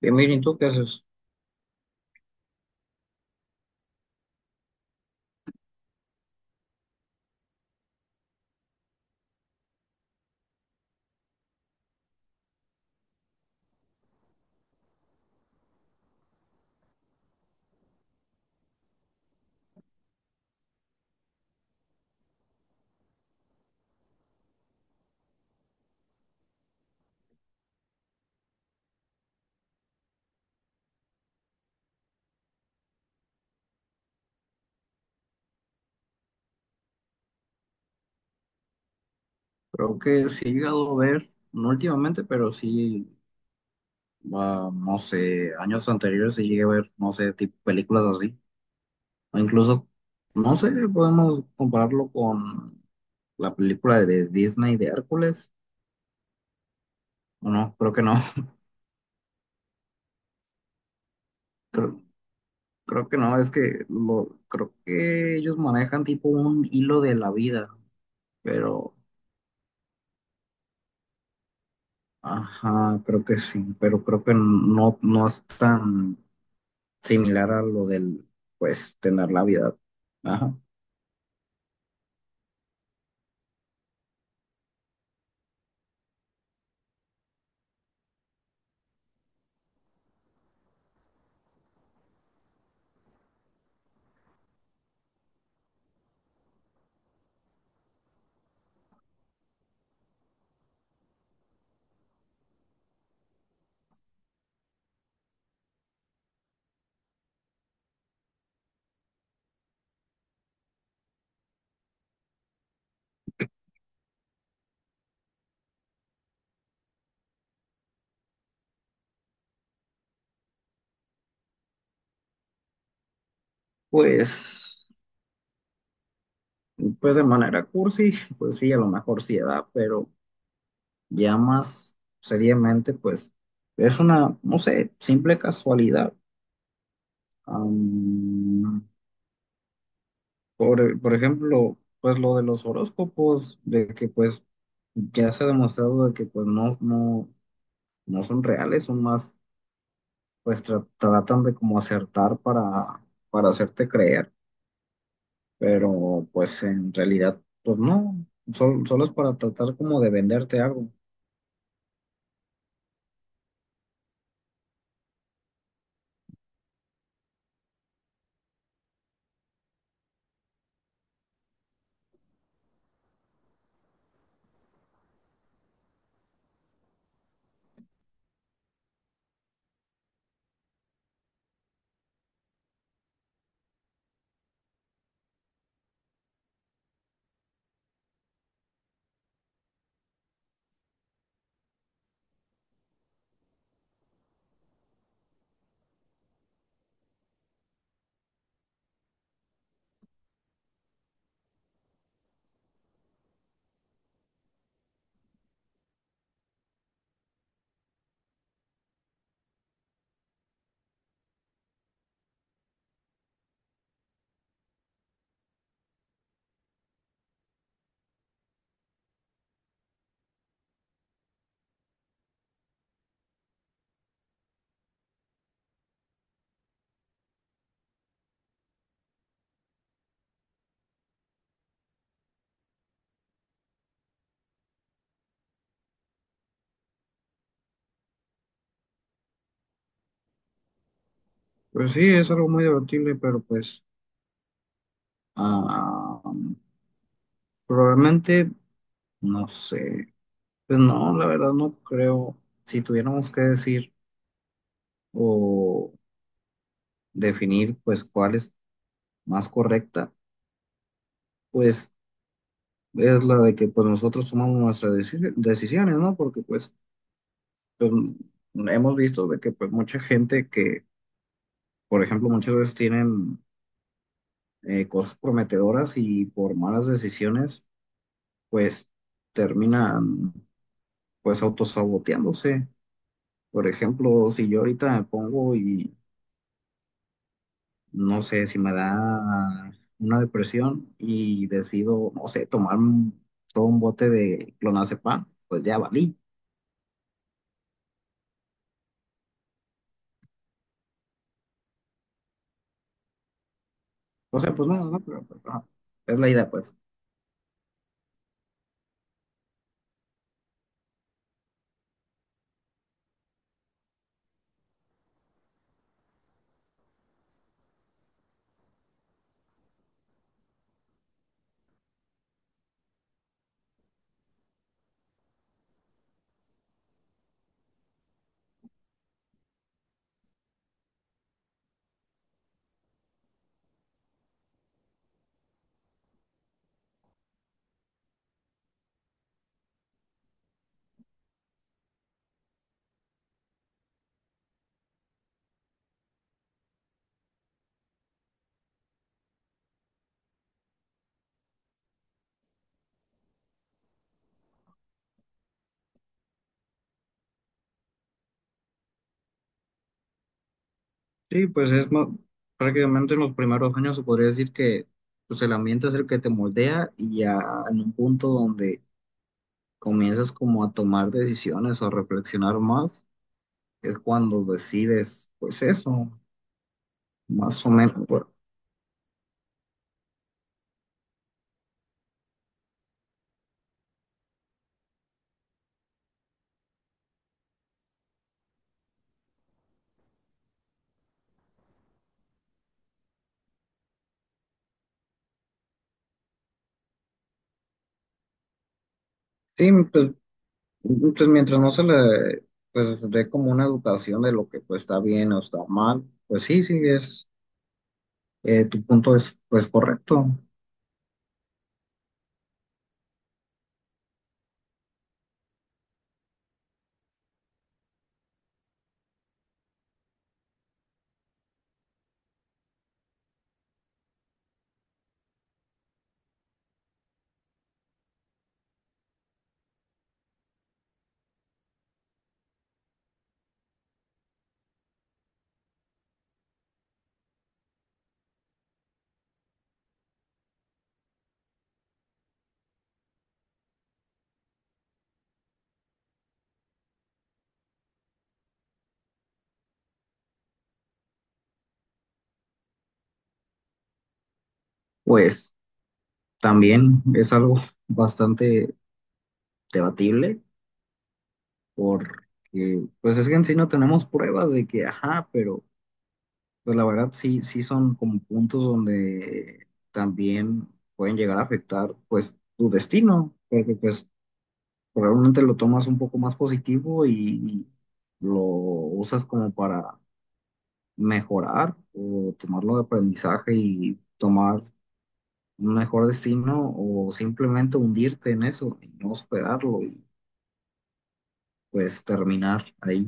Bien, Mirin, ¿tú qué haces? Creo que sí he llegado a ver, no últimamente, pero sí, no sé, años anteriores sí llegué a ver, no sé, tipo películas así. O incluso, no sé, podemos compararlo con la película de Disney de Hércules. ¿O no? Creo que no. Creo, creo que no, es que lo, creo que ellos manejan tipo un hilo de la vida, pero, ajá, creo que sí, pero creo que no, no es tan similar a lo del, pues, tener la vida. Ajá. Pues, pues de manera cursi, pues sí, a lo mejor sí da, pero ya más seriamente, pues, es una, no sé, simple casualidad. Am, por ejemplo, pues lo de los horóscopos, de que pues ya se ha demostrado de que pues no, no son reales, son más, pues tratan de como acertar para hacerte creer. Pero pues en realidad, pues no, solo es para tratar como de venderte algo. Pues sí, es algo muy debatible, pero pues ah, probablemente, no sé, pues no, la verdad no creo, si tuviéramos que decir o definir pues cuál es más correcta, pues es la de que pues nosotros tomamos nuestras decisiones, ¿no? Porque pues, pues hemos visto de que pues mucha gente que, por ejemplo, muchas veces tienen cosas prometedoras y por malas decisiones, pues terminan pues autosaboteándose. Por ejemplo, si yo ahorita me pongo y no sé si me da una depresión y decido, no sé, tomar todo un bote de clonazepam, pues ya valí. O sea, pues no, pero pues, ajá, es la idea, pues. Sí, pues es prácticamente en los primeros años se podría decir que pues el ambiente es el que te moldea y ya en un punto donde comienzas como a tomar decisiones o a reflexionar más, es cuando decides, pues eso, más o menos. Pues, sí, pues, pues mientras no se le pues dé como una educación de lo que pues está bien o está mal, pues sí, sí, es, tu punto es pues correcto. Pues también es algo bastante debatible porque pues es que en sí no tenemos pruebas de que, ajá, pero pues la verdad sí, sí son como puntos donde también pueden llegar a afectar pues tu destino, porque pues probablemente lo tomas un poco más positivo y lo usas como para mejorar o tomarlo de aprendizaje y tomar un mejor destino o simplemente hundirte en eso y no superarlo y pues terminar ahí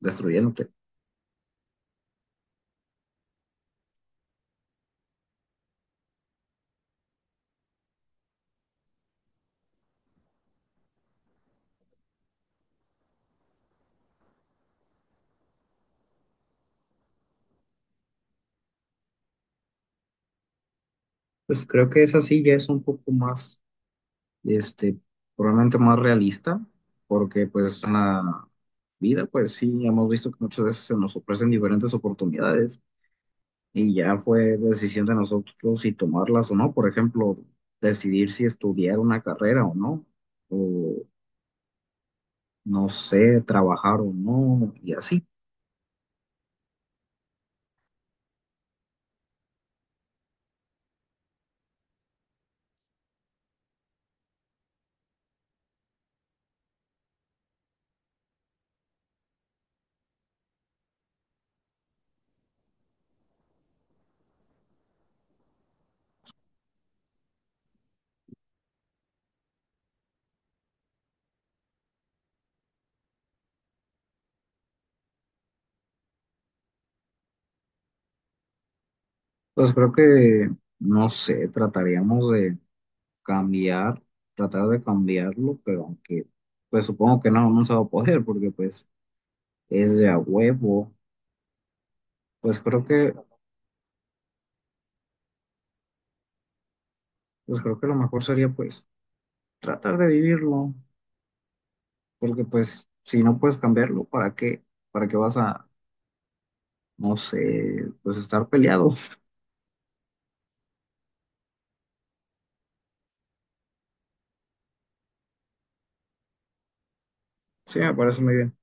destruyéndote. Pues creo que esa sí ya es un poco más este, probablemente más realista, porque pues en la vida, pues sí, hemos visto que muchas veces se nos ofrecen diferentes oportunidades y ya fue decisión de nosotros si tomarlas o no, por ejemplo, decidir si estudiar una carrera o no sé, trabajar o no, y así. Pues creo que, no sé, trataríamos de cambiar, tratar de cambiarlo, pero aunque, pues supongo que no, no se va a poder porque pues es de a huevo. Pues creo que, pues creo que lo mejor sería pues tratar de vivirlo, porque pues si no puedes cambiarlo, ¿para qué? ¿Para qué vas a, no sé, pues estar peleado? Sí, me parece muy bien.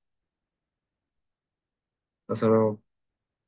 Hacerlo.